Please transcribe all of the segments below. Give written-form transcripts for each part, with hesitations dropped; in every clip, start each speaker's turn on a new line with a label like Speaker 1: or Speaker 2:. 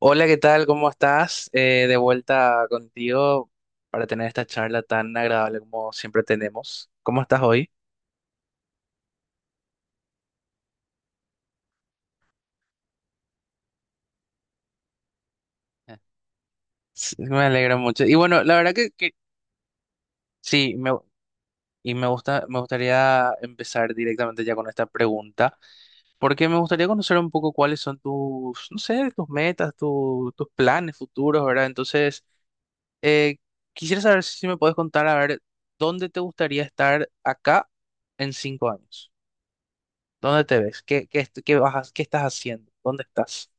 Speaker 1: Hola, ¿qué tal? ¿Cómo estás? De vuelta contigo para tener esta charla tan agradable como siempre tenemos. ¿Cómo estás hoy? Eh, Sí, me alegra mucho. Y bueno, la verdad que sí, y me gustaría empezar directamente ya con esta pregunta, porque me gustaría conocer un poco cuáles son tus, no sé, tus metas, tus planes futuros, ¿verdad? Entonces, eh, quisiera saber si me puedes contar, a ver, ¿dónde te gustaría estar acá en 5 años? ¿Dónde te ves? ¿Qué, qué, est- qué vas, a- qué estás haciendo? ¿Dónde estás?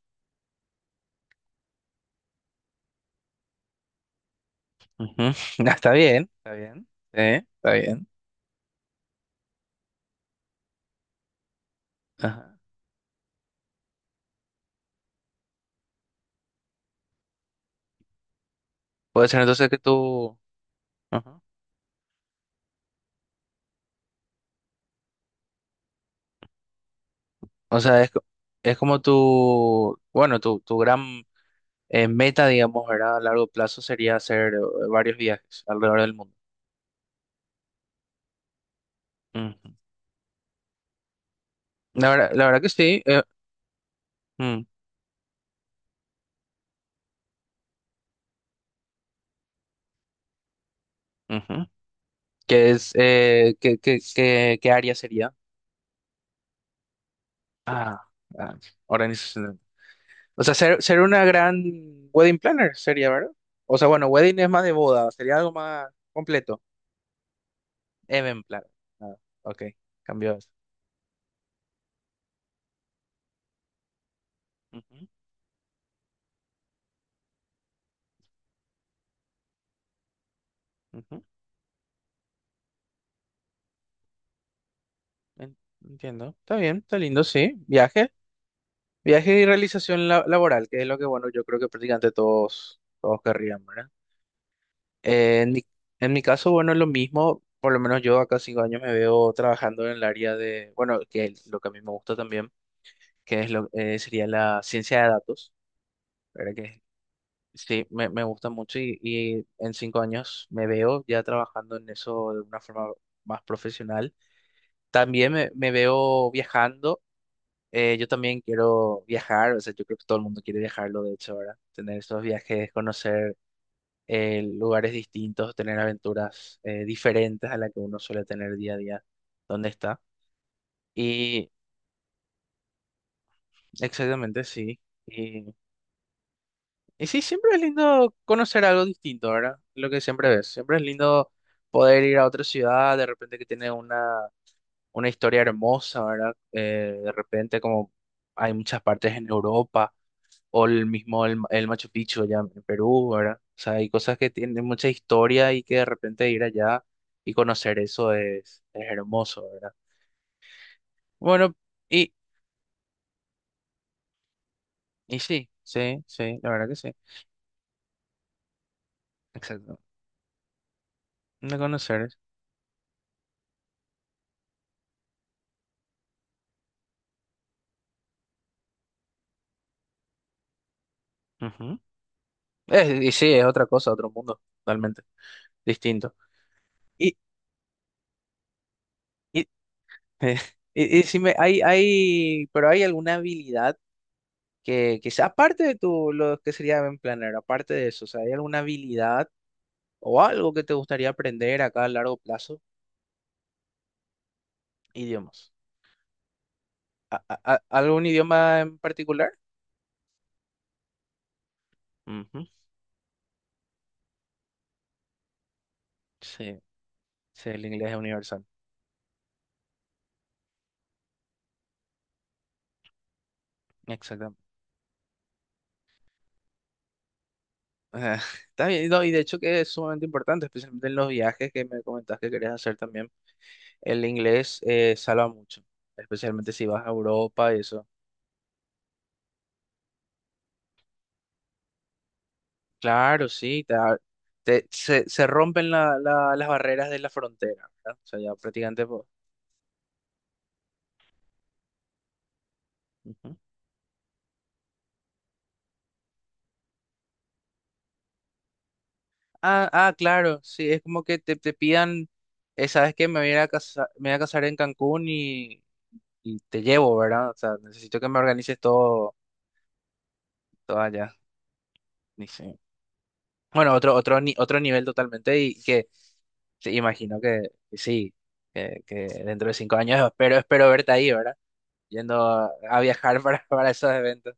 Speaker 1: Ujú. Ah, está bien, está bien, sí, está bien. Ajá. Puede ser entonces que tú, ajá. O sea, es como tu, bueno, tu gran meta, digamos, ¿verdad? A largo plazo sería hacer varios viajes alrededor del mundo. Ujú. La verdad que sí. Mm, ujú. ¿Qué es, qué área sería? Ah, ah, organización. O sea, ser una gran wedding planner sería, ¿verdad? O sea, bueno, wedding es más de boda, sería algo más completo. Event planner. Ah, ok, cambió eso. Ujú, ujú, en- entiendo. Está bien, está lindo, sí. Viaje. Viaje y realización laboral, que es lo que, bueno, yo creo que prácticamente todos, todos querrían, ¿verdad? Eh, en mi, en mi caso, bueno, es lo mismo. Por lo menos yo acá 5 años me veo trabajando en el área de, bueno, que es lo que a mí me gusta también, sería la ciencia de datos, ¿verdad? Que sí, me gusta mucho y en 5 años me veo ya trabajando en eso de una forma más profesional. También me veo viajando. Yo también quiero viajar, o sea, yo creo que todo el mundo quiere viajarlo, de hecho, ahora. Tener esos viajes, conocer lugares distintos, tener aventuras diferentes a las que uno suele tener día a día. ¿Dónde está? Y exactamente, sí. Y sí, siempre es lindo conocer algo distinto, ¿verdad? Lo que siempre ves. Siempre es lindo poder ir a otra ciudad, de repente que tiene una historia hermosa, ¿verdad? De repente como hay muchas partes en Europa, o el mismo el Machu Picchu allá en Perú, ¿verdad? O sea, hay cosas que tienen mucha historia y que de repente ir allá y conocer eso es, hermoso, ¿verdad? Bueno, y, y sí, sí, sí, la verdad que sí. Exacto. De conocer. Ujú. Y sí, es otra cosa, otro mundo, totalmente distinto. Y, y, y decime, pero hay alguna habilidad que sea, aparte de tu, lo que sería event planner, aparte de eso, o sea, ¿hay alguna habilidad o algo que te gustaría aprender acá a largo plazo? Idiomas. ¿Algún idioma en particular? Ujú. Sí, sí, el inglés es universal. Exactamente. Ah, está bien, no, y de hecho que es sumamente importante, especialmente en los viajes que me comentas que querías hacer también. El inglés salva mucho, especialmente si vas a Europa y eso. Claro, sí, te, da- te- se rompen las barreras de la frontera, ¿verdad? O sea, ya prácticamente. Ujú. Ah, ah, claro, sí, es como que te pidan, ¿sabes que me voy a casar en Cancún y te llevo, ¿verdad? O sea, necesito que me organices todo, todo allá. Y sí. Bueno, otro, otro, ni- otro nivel totalmente y que te imagino que sí, que dentro de 5 años espero verte ahí, ¿verdad? Yendo a viajar para esos eventos.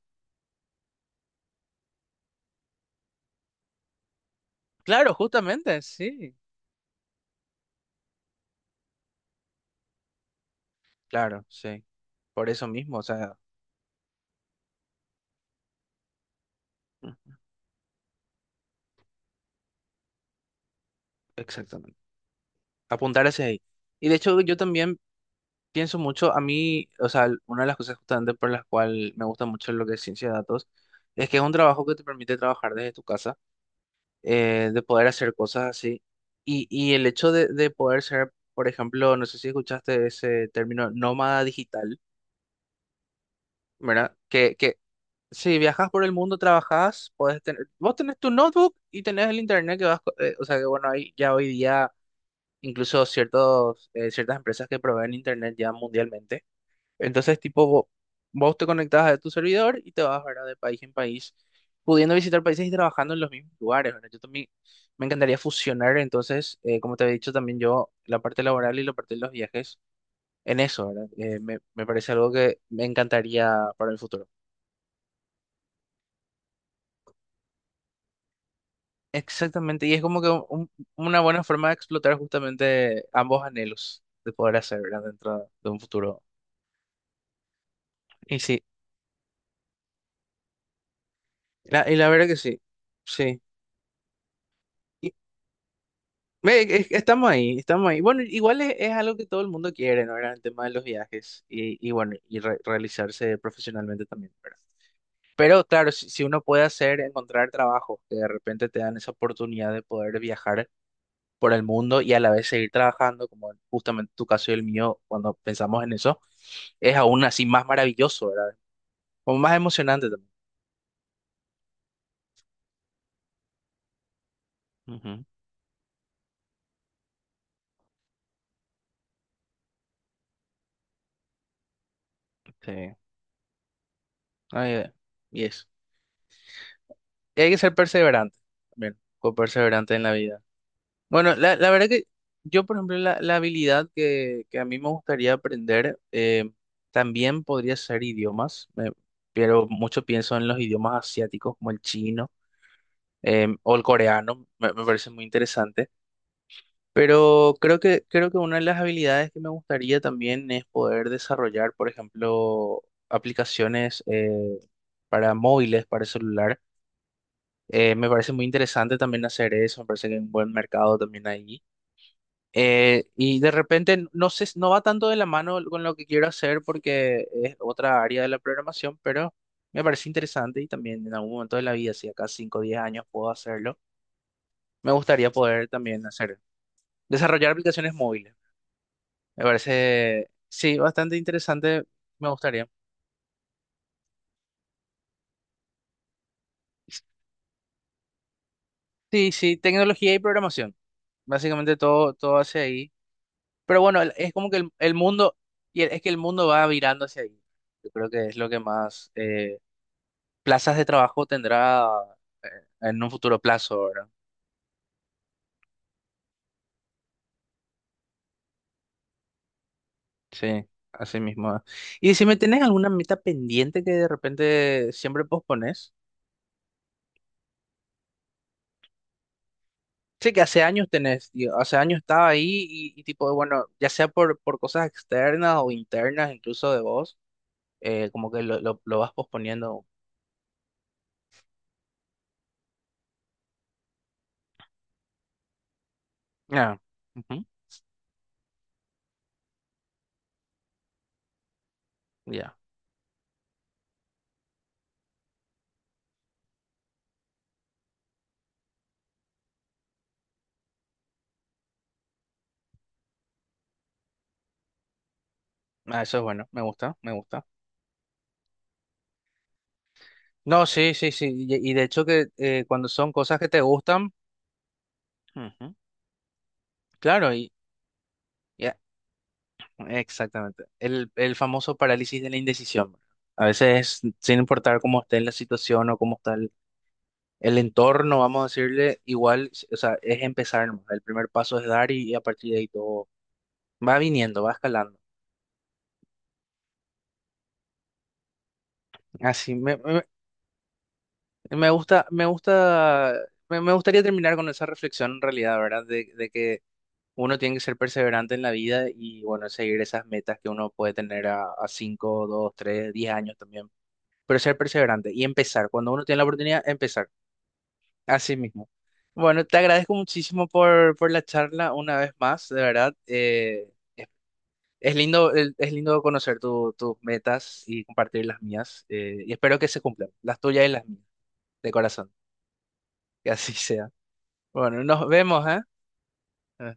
Speaker 1: Claro, justamente, sí, claro, sí. Por eso mismo, o sea, mm, exactamente. Apuntar hacia ahí. Y de hecho, yo también pienso mucho, a mí, o sea, una de las cosas justamente por las cuales me gusta mucho lo que es ciencia de datos, es que es un trabajo que te permite trabajar desde tu casa, de poder hacer cosas así. Y el hecho de poder ser, por ejemplo, no sé si escuchaste ese término, nómada digital, ¿verdad? Que si viajas por el mundo, trabajas puedes tener, vos tenés tu notebook y tenés el internet que vas, o sea que bueno, hay ya hoy día incluso ciertos, ciertas empresas que proveen internet ya mundialmente. Entonces, tipo, vos, te conectás a tu servidor y te vas, ¿verdad? De país en país, pudiendo visitar países y trabajando en los mismos lugares, ¿verdad? Yo también me encantaría fusionar, entonces, como te había dicho también yo, la parte laboral y la parte de los viajes en eso, ¿verdad? Me parece algo que me encantaría para el futuro. Exactamente, y es como que una buena forma de explotar justamente ambos anhelos de poder hacer, ¿verdad? Dentro de un futuro. Y sí, y la verdad que sí, sí. Y, estamos ahí, estamos ahí. Bueno, igual es algo que todo el mundo quiere, ¿no? ¿Verdad? El tema de los viajes y bueno, y realizarse profesionalmente también, ¿verdad? Pero claro, si uno puede hacer, encontrar trabajo, que de repente te dan esa oportunidad de poder viajar por el mundo y a la vez seguir trabajando, como justamente tu caso y el mío, cuando pensamos en eso es aún así más maravilloso, ¿verdad? Como más emocionante también. Ujú. Sí. Ay, y eso. Y hay que ser perseverante también, con perseverante en la vida. Bueno, la verdad que yo, por ejemplo, la habilidad que a mí me gustaría aprender también podría ser idiomas, pero mucho pienso en los idiomas asiáticos como el chino o el coreano, me parece muy interesante. Pero creo que una de las habilidades que me gustaría también es poder desarrollar, por ejemplo, aplicaciones para móviles, para celular. Me parece muy interesante también hacer eso, me parece que hay un buen mercado también ahí. Y de repente, no sé, no va tanto de la mano con lo que quiero hacer porque es otra área de la programación, pero me parece interesante y también en algún momento de la vida, si acá 5 o 10 años puedo hacerlo, me gustaría poder también hacer, desarrollar aplicaciones móviles. Me parece, sí, bastante interesante. Me gustaría. Sí, sí, tecnología y programación. Básicamente todo, todo hacia ahí. Pero bueno, es como que el mundo, es que el mundo va virando hacia ahí. Yo creo que es lo que más plazas de trabajo tendrá eh, en un futuro plazo, ¿verdad? Sí, así mismo. ¿Y si me tenés alguna meta pendiente que de repente siempre pospones? Sí, que hace años tenés, tío, hace años estaba ahí y tipo, bueno, ya sea por, cosas externas o internas, incluso de vos, como que lo vas posponiendo. Ah, ujú, ya. Ah, eso es bueno, me gusta, me gusta. No, sí, sí, sí, y de hecho que cuando son cosas que te gustan, ujú, claro, y ya, exactamente. El famoso parálisis de la indecisión. A veces, sin importar cómo esté la situación o cómo está el entorno, vamos a decirle, igual, o sea, es empezar, nomás. El primer paso es dar y a partir de ahí todo va viniendo, va escalando. Así, me gusta, me gusta, me gustaría terminar con esa reflexión en realidad, ¿verdad? De que uno tiene que ser perseverante en la vida y, bueno, seguir esas metas que uno puede tener a 5, 2, 3, 10 años también. Pero ser perseverante y empezar. Cuando uno tiene la oportunidad, empezar. Así mismo. Bueno, te agradezco muchísimo por la charla una vez más, de verdad. Es lindo, es lindo conocer tus metas y compartir las mías. Y espero que se cumplan, las tuyas y las mías, de corazón. Que así sea. Bueno, nos vemos, ¿eh?